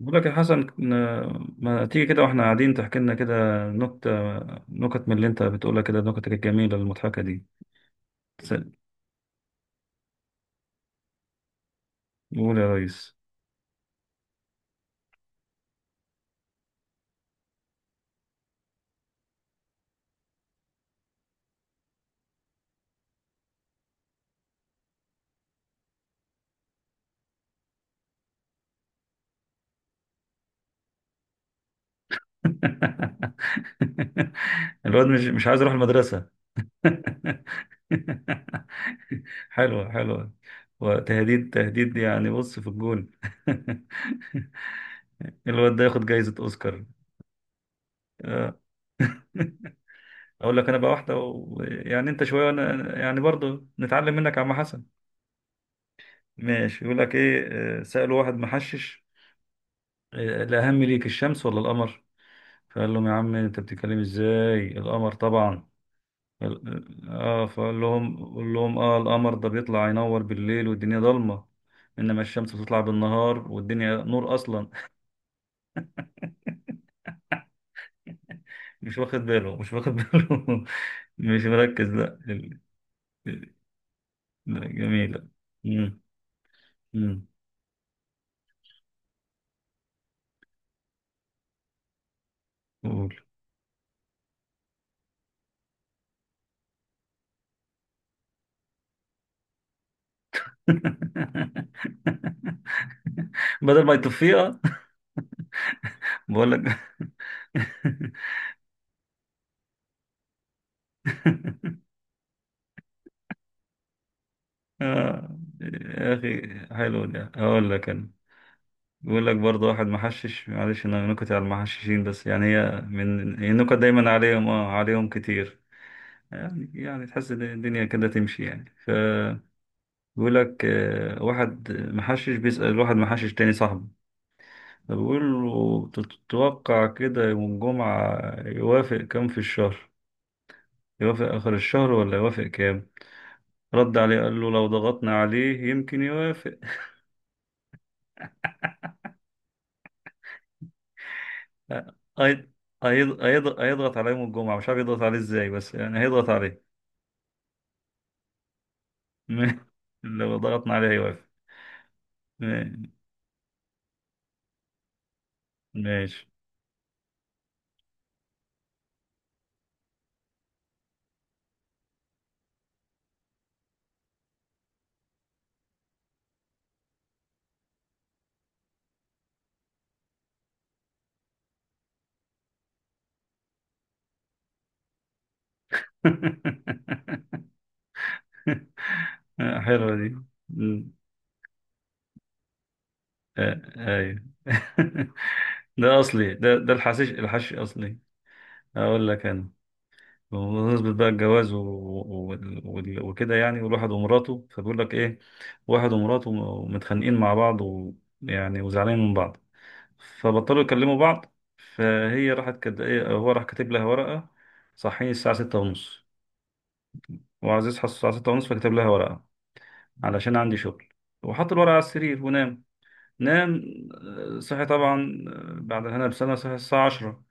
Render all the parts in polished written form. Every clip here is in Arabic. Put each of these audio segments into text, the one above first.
بقول لك يا حسن، ما تيجي كده واحنا قاعدين تحكي لنا كده نكتة، نكت من اللي انت بتقولها كده، نكتك الجميلة المضحكة دي. س- قول يا ريس. الواد مش عايز يروح المدرسة. حلوة حلوة، وتهديد تهديد، يعني بص في الجون. الواد ده ياخد جايزة أوسكار. آه. أقول لك أنا بقى واحدة يعني أنت شوية وأنا يعني برضه نتعلم منك يا عم حسن. ماشي، يقول لك ايه؟ آه، سأله واحد محشش، آه، الأهم ليك الشمس ولا القمر؟ فقال لهم يا عم انت بتتكلم ازاي؟ القمر طبعا. فقال لهم قول لهم اه، القمر ده بيطلع ينور بالليل والدنيا ضلمة، انما الشمس بتطلع بالنهار والدنيا نور اصلا. مش واخد باله، مش واخد باله. مش مركز، لا. ال- لا، جميلة. مم، مم، قول. بدل ما يطفيها. بقول لك. آه يا أخي. حلو، ده هقول لك أنا. بيقول لك برضه واحد محشش، معلش أنا نكت على المحششين، بس يعني هي من هي النكت دايما عليهم، آه عليهم كتير. يعني تحس إن الدنيا كده تمشي يعني، فبيقول لك آه، واحد محشش بيسأل واحد محشش تاني صاحبه، فبيقول له تتوقع كده يوم الجمعة يوافق كام في الشهر؟ يوافق آخر الشهر ولا يوافق كام؟ رد عليه قال له لو ضغطنا عليه يمكن يوافق. هي- هيض- هيضغط عليه يوم الجمعة، مش عارف يضغط عليه ازاي، بس يعني هيضغط عليه. لو ضغطنا عليه هيوافق. م- ماشي. حلوة دي. مم. آه، ايوه. ده اصلي، ده الحشيش الحشيش اصلي. اقول لك انا، بمناسبة بقى الجواز و... وكده يعني، والواحد ومراته، فبيقول لك ايه، واحد ومراته متخانقين مع بعض، ويعني وزعلانين من بعض، فبطلوا يكلموا بعض، فهي راحت إيه، هو راح كاتب لها ورقة صحيني الساعة 6:30. وعزيز حس الساعة 6:30 فكتب لها ورقة علشان عندي شغل، وحط الورقة على السرير ونام. نام. آه، صحي طبعا، آه، بعد هنا بسنة صحي الساعة 10،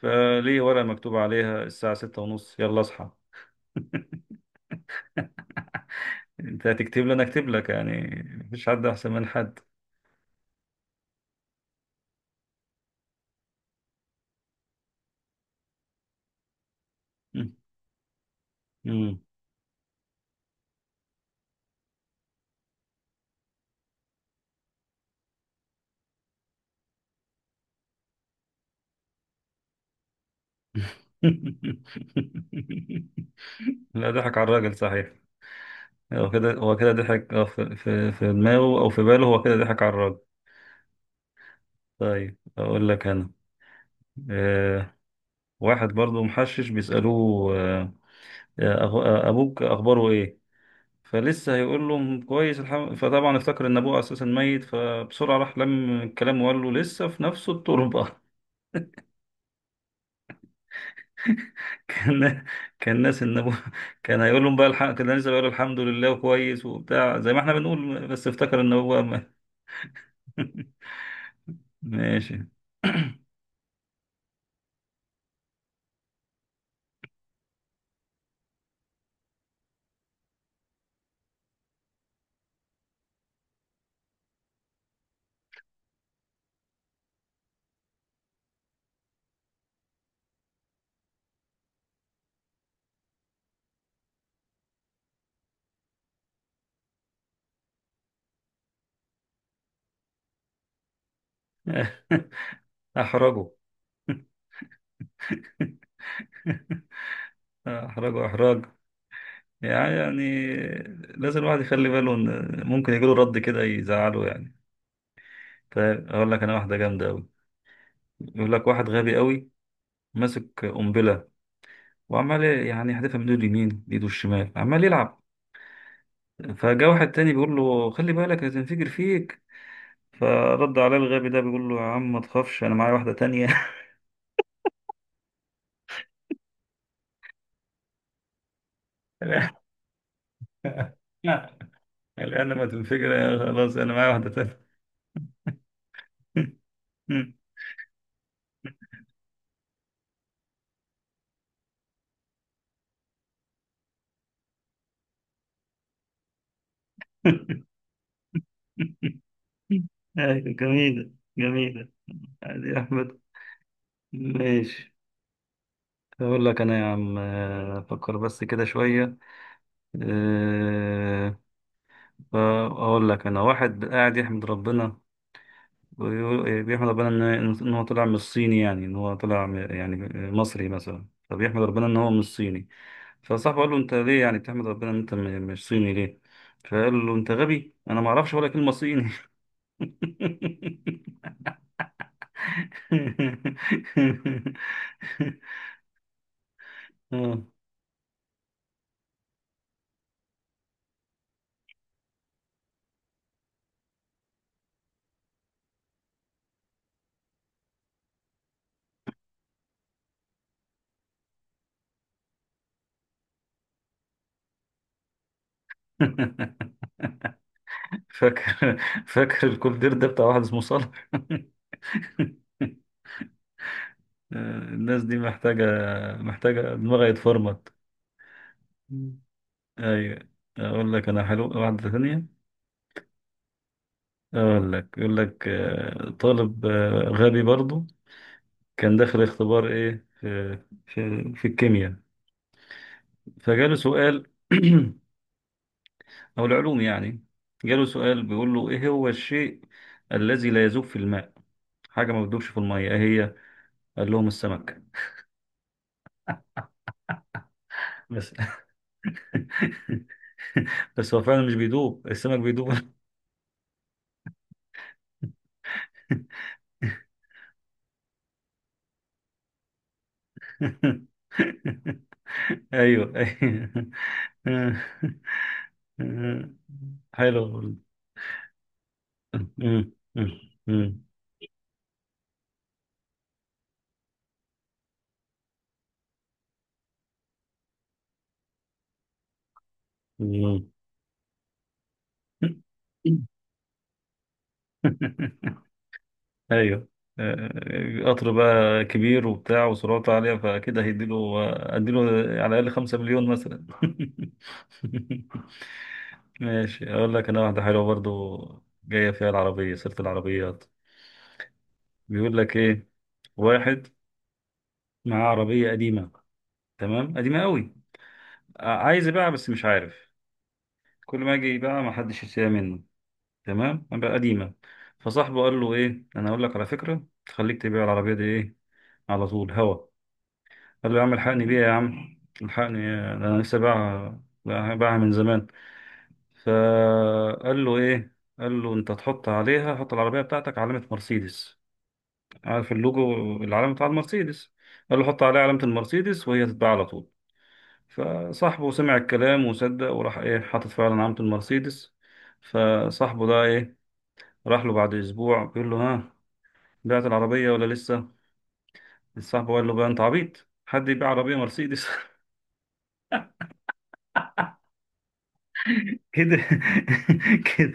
فليه ورقة مكتوب عليها الساعة 6:30 يلا اصحى. انت هتكتب لي، انا اكتب لك يعني، مفيش حد احسن من حد. لا، ضحك على الراجل صحيح. هو كده، هو كده ضحك، آه، في دماغه او في باله، هو كده ضحك على الراجل. طيب اقول لك انا، آه، واحد برضو محشش بيسالوه آه، آه، ابوك اخباره ايه؟ فلسه هيقول له كويس الحمد، فطبعا افتكر ان ابوه اساسا ميت، فبسرعه راح لم الكلام وقال له لسه في نفس التربه. كان، كان ناس ان ابوه، كان هيقول لهم بقى الحق، كان لسه بيقول الحمد لله وكويس وبتاع زي ما احنا بنقول، بس افتكر ان هو ماشي. احرجه. احراج واحراج، يعني لازم الواحد يخلي باله ان ممكن يجيله رد كده يزعله يعني. فاقول لك انا واحده جامده قوي، يقول لك واحد غبي قوي ماسك قنبله، وعمال يعني يحدفها من ايده اليمين بايده الشمال، عمال يلعب. فجاء واحد تاني بيقول له خلي بالك هتنفجر فيك، فرد عليه الغبي ده بيقول له يا عم ما تخافش انا معايا واحده تانية. الان ما تنفجر يا خلاص، انا معايا واحده تانية. أيوة، جميلة. جميلة. عادي يا أحمد. ماشي، أقول لك أنا يا عم، آه، أفكر بس كده شوية. آه، فأقول لك أنا، واحد قاعد يحمد ربنا، بيحمد ربنا إن، إن هو طلع من الصيني، يعني إن هو طلع يعني مصري مثلا، فبيحمد ربنا إن هو مش صيني. فصاحبه قال له أنت ليه يعني بتحمد ربنا إن أنت مش صيني ليه؟ فقال له أنت غبي، أنا ما أعرفش ولا كلمة صيني. آه. فاكر فاكر الكولدير ده بتاع واحد اسمه صالح. الناس دي محتاجة، محتاجة دماغها يتفرمط. أيوة، أقول لك أنا حلو واحدة ثانية. أقول لك، يقول لك آه، طالب آه، غبي برضو، كان داخل اختبار إيه في، في الكيمياء، فجاله سؤال، أو العلوم يعني، جاله سؤال بيقول له إيه هو الشيء الذي لا يذوب في الماء؟ حاجة ما بتدوبش في المية إيه هي؟ قال لهم السمك. بس بس هو فعلا مش بيدوب، السمك بيدوب. ايوه ايوه، حلو والله. مم. مم. مم. مم. ايوه، آه، قطر بقى كبير وبتاع وسرعته عالية، فكده هيديله، اديله على الأقل 5 مليون مثلا. ماشي، أقول لك أنا واحدة حلوة برضو، جاية فيها العربية، سيرة العربيات. بيقول لك ايه، واحد معاه عربية قديمة، تمام قديمة قوي، عايز يبيعها بس مش عارف، كل ما اجي يبيعها ما حدش يشتريها منه، تمام، بقى قديمة. فصاحبه قال له ايه، انا اقول لك على فكرة تخليك تبيع العربية دي ايه، على طول هوا. قال له يا عم الحقني بيها، يا عم الحقني، إيه؟ ده انا لسه باعها، باعها من زمان. فقال له ايه، قال له انت تحط عليها، حط العربية بتاعتك علامة مرسيدس، عارف، اللوجو، العلم بتاع المرسيدس. قال له حط عليه علامة المرسيدس وهي تتباع على طول. فصاحبه سمع الكلام وصدق وراح ايه، حاطط فعلا علامة المرسيدس. فصاحبه ده ايه، راح له بعد اسبوع بيقول له ها، بعت العربية ولا لسه؟ صاحبه قال له بقى انت عبيط، حد يبيع عربية مرسيدس؟ كده كده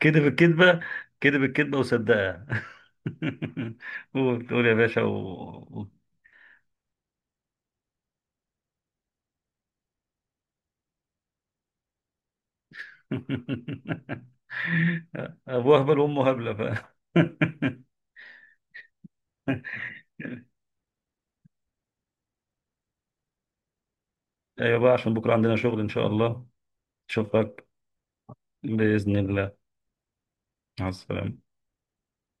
كده بالكذبة، كده بالكذبة وصدقها. قول قول يا باشا، ابو هبل وامه هبله، ف ايوه بقى، عشان بكره عندنا شغل ان شاء الله. اشوفك باذن الله. مع السلامه.